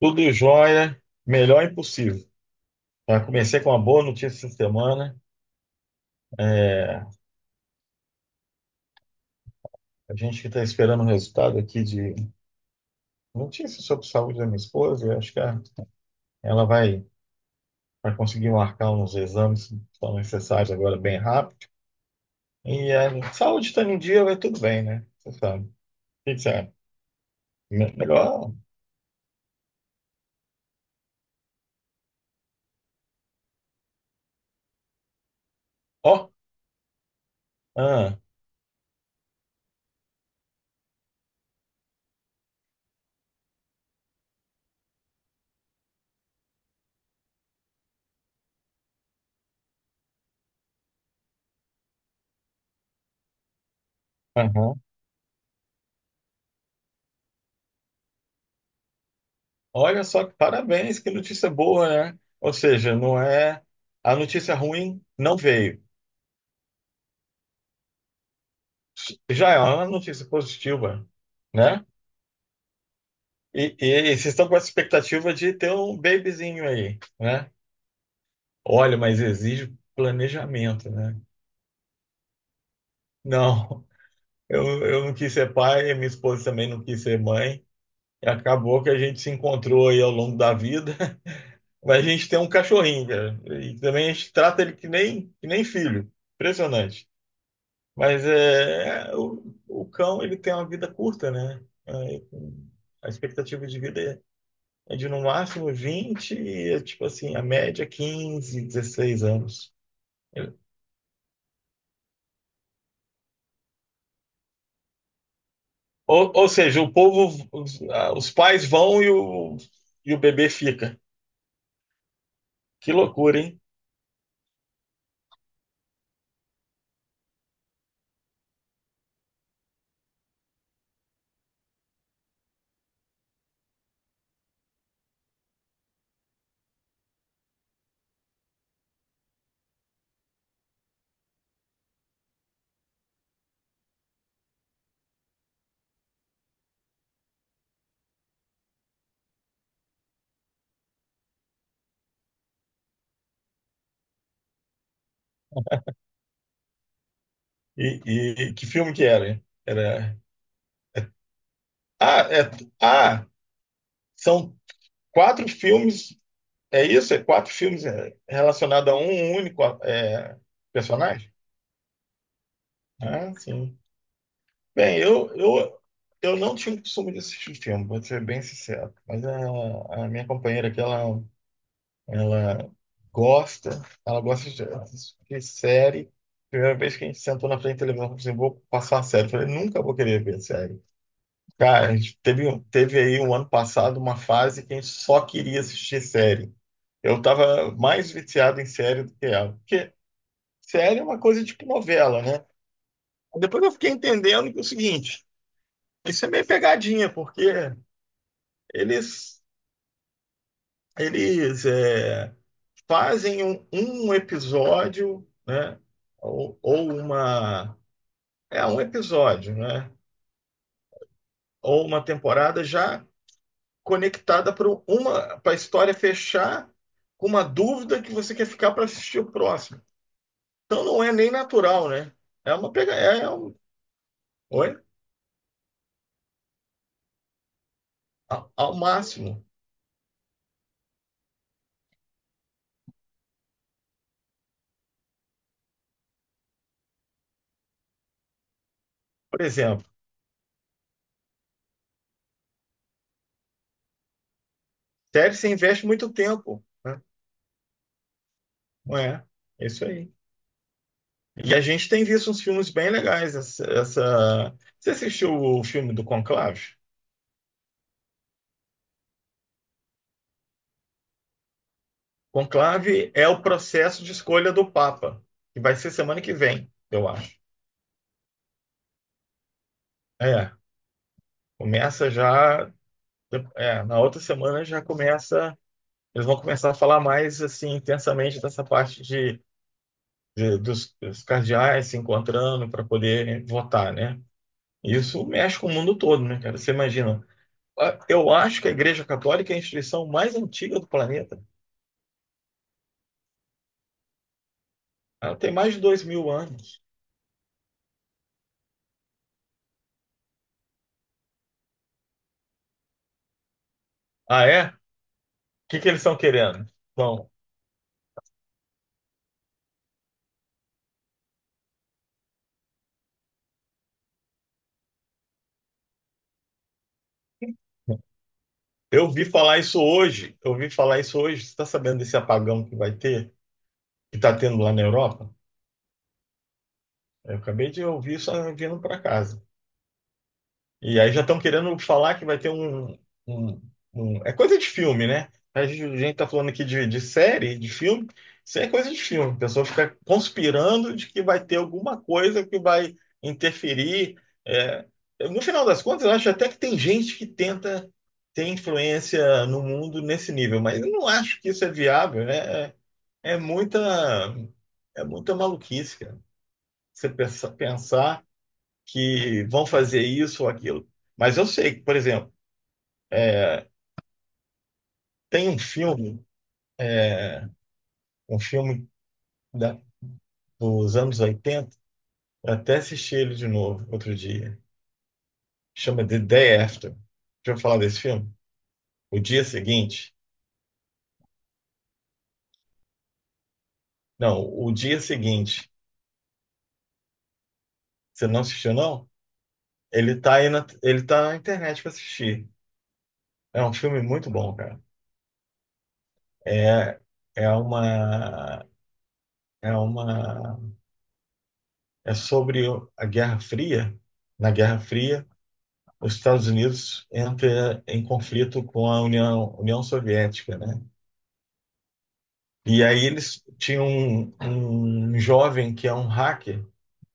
Tudo jóia, melhor impossível. Tá? Comecei com uma boa notícia essa semana. É, a gente que está esperando o resultado aqui de notícias sobre saúde da minha esposa, eu acho que ela vai conseguir marcar uns exames que são necessários agora bem rápido. E a saúde está em dia, vai tudo bem, né? Você sabe. O que que você acha? Melhor. Ó, ah, aham. Olha só, que parabéns, que notícia boa, né? Ou seja, não é. A notícia ruim não veio. Já é uma notícia positiva, né? E vocês estão com essa expectativa de ter um babyzinho aí, né? Olha, mas exige planejamento, né? Não, eu não quis ser pai, minha esposa também não quis ser mãe. E acabou que a gente se encontrou aí ao longo da vida. Mas a gente tem um cachorrinho, cara. E também a gente trata ele que nem filho. Impressionante. O cão, ele tem uma vida curta, né? É, a expectativa de vida é de no máximo tipo assim, a média é 15 16 anos. Ou seja, o povo, os pais vão e o bebê fica. Que loucura, hein? E, que filme que era? Hein? Era. Ah, é- ah, São quatro filmes. É isso? Relacionados a um único personagem? Ah, sim. Bem, eu não tinha o costume de assistir filme, vou ser bem sincero. Mas a minha companheira aqui, ela gosta, ela gosta de assistir série. Primeira vez que a gente sentou na frente da televisão, eu falei assim, vou passar uma série. Eu falei, nunca vou querer ver série. Cara, a gente teve, teve aí um ano passado uma fase que a gente só queria assistir série. Eu tava mais viciado em série do que ela. Porque série é uma coisa tipo novela, né? Depois eu fiquei entendendo que é o seguinte. Isso é meio pegadinha, porque eles, eles é, fazem um episódio, né? Ou uma. É um episódio, né? Ou uma temporada já conectada para uma para a história fechar com uma dúvida que você quer ficar para assistir o próximo. Então não é nem natural, né? É uma pega, é um, Oi? Ao, ao máximo. Por exemplo, série você investe muito tempo, né? Não é? É isso aí. E a gente tem visto uns filmes bem legais. Você assistiu o filme do Conclave? Conclave é o processo de escolha do Papa, que vai ser semana que vem, eu acho. É, começa já. É, na outra semana já começa. Eles vão começar a falar mais assim intensamente dessa parte dos, dos cardeais se encontrando para poder votar, né? Isso mexe com o mundo todo, né, cara? Você imagina? Eu acho que a Igreja Católica é a instituição mais antiga do planeta. Ah, tem mais de dois mil anos. Ah, é? O que que eles estão querendo? Bom, eu vi falar isso hoje. Eu vi falar isso hoje. Você está sabendo desse apagão que vai ter? Que está tendo lá na Europa? Eu acabei de ouvir isso vindo para casa. E aí já estão querendo falar que vai ter um- é coisa de filme, né? A gente tá falando aqui de série, de filme. Isso é coisa de filme. A pessoa fica conspirando de que vai ter alguma coisa que vai interferir. É, no final das contas, eu acho até que tem gente que tenta ter influência no mundo nesse nível, mas eu não acho que isso é viável, né? É muita, É muita maluquice, cara. Pensar que vão fazer isso ou aquilo. Mas eu sei que, por exemplo, tem um filme, é, um filme da- dos anos oitenta, eu até assisti ele de novo outro dia, chama The Day After. Já ouviu falar desse filme? O Dia Seguinte? Não, O Dia Seguinte. Você não assistiu, não? Ele tá ele tá na internet para assistir. É um filme muito bom, cara. É, é uma, é uma, É sobre a Guerra Fria. Na Guerra Fria, os Estados Unidos entra em conflito com a União Soviética, né? E aí eles tinham um jovem que é um hacker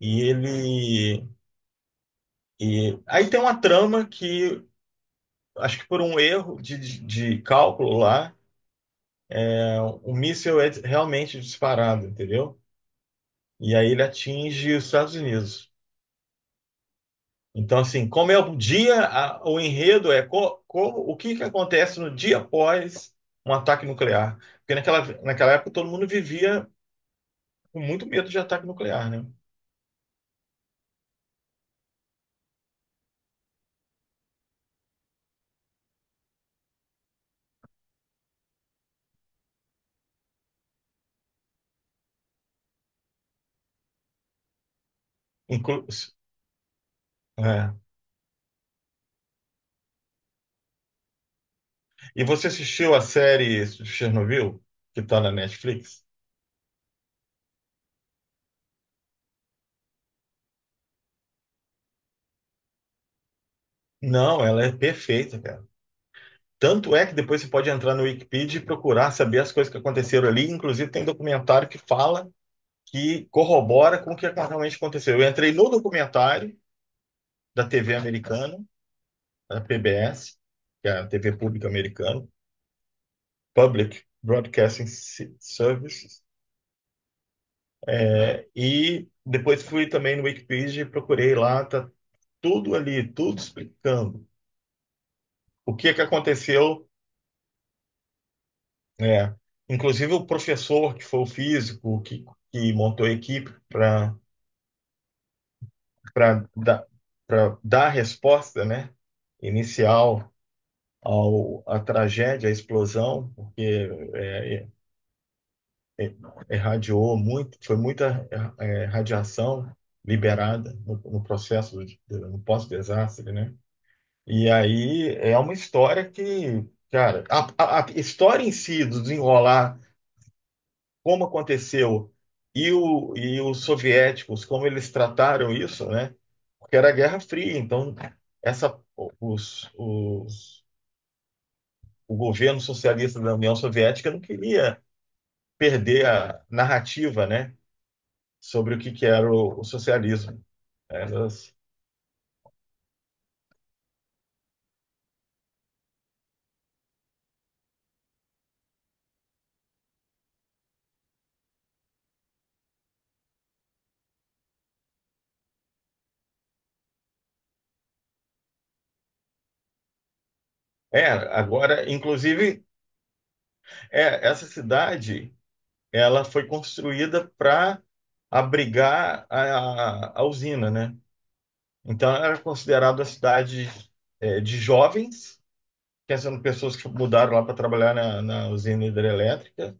e ele e aí tem uma trama que acho que por um erro de cálculo lá, é, o míssil é realmente disparado, entendeu? E aí ele atinge os Estados Unidos. Então, assim, como é o dia, o enredo é como, o que que acontece no dia após um ataque nuclear. Porque naquela época todo mundo vivia com muito medo de ataque nuclear, né? Inclu- É. E você assistiu a série Chernobyl, que está na Netflix? Não, ela é perfeita, cara. Tanto é que depois você pode entrar no Wikipedia e procurar saber as coisas que aconteceram ali. Inclusive, tem documentário que fala, que corrobora com o que realmente aconteceu. Eu entrei no documentário da TV americana, a PBS, que é a TV pública americana, Public Services, é, e depois fui também no Wikipedia e procurei lá, tá tudo ali, tudo explicando o que é que aconteceu, né? Inclusive o professor que foi o físico que montou a equipe para para dar para dar a resposta, né? Inicial ao à tragédia, à explosão, porque é, irradiou muito, foi muita eh, radiação liberada no processo, no pós-desastre, né? E aí é uma história que, cara, a história em si do desenrolar, como aconteceu e os soviéticos, como eles trataram isso, né? Porque era a Guerra Fria, então essa, os, os, o governo socialista da União Soviética não queria perder a narrativa, né? Sobre o que, que era o socialismo. Elas, Agora, inclusive, é, essa cidade ela foi construída para abrigar a usina, né? Então, era considerada uma cidade é, de jovens, pensando em pessoas que mudaram lá para trabalhar na usina hidrelétrica,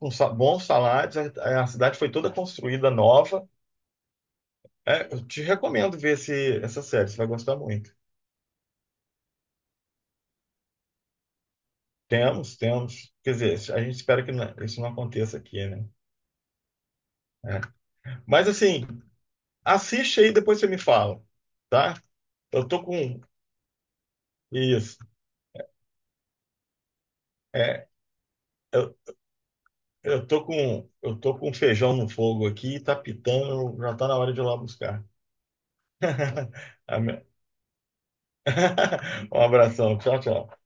com bons salários. A cidade foi toda construída nova. É, eu te recomendo ver essa série, você vai gostar muito. Temos, temos. Quer dizer, a gente espera que isso não aconteça aqui, né? É. Mas assim, assiste aí, depois você me fala, tá? Eu tô com isso. É, eu, eu tô com feijão no fogo aqui, tá pitando, já tá na hora de ir lá buscar. Amém. Um abração, tchau, tchau.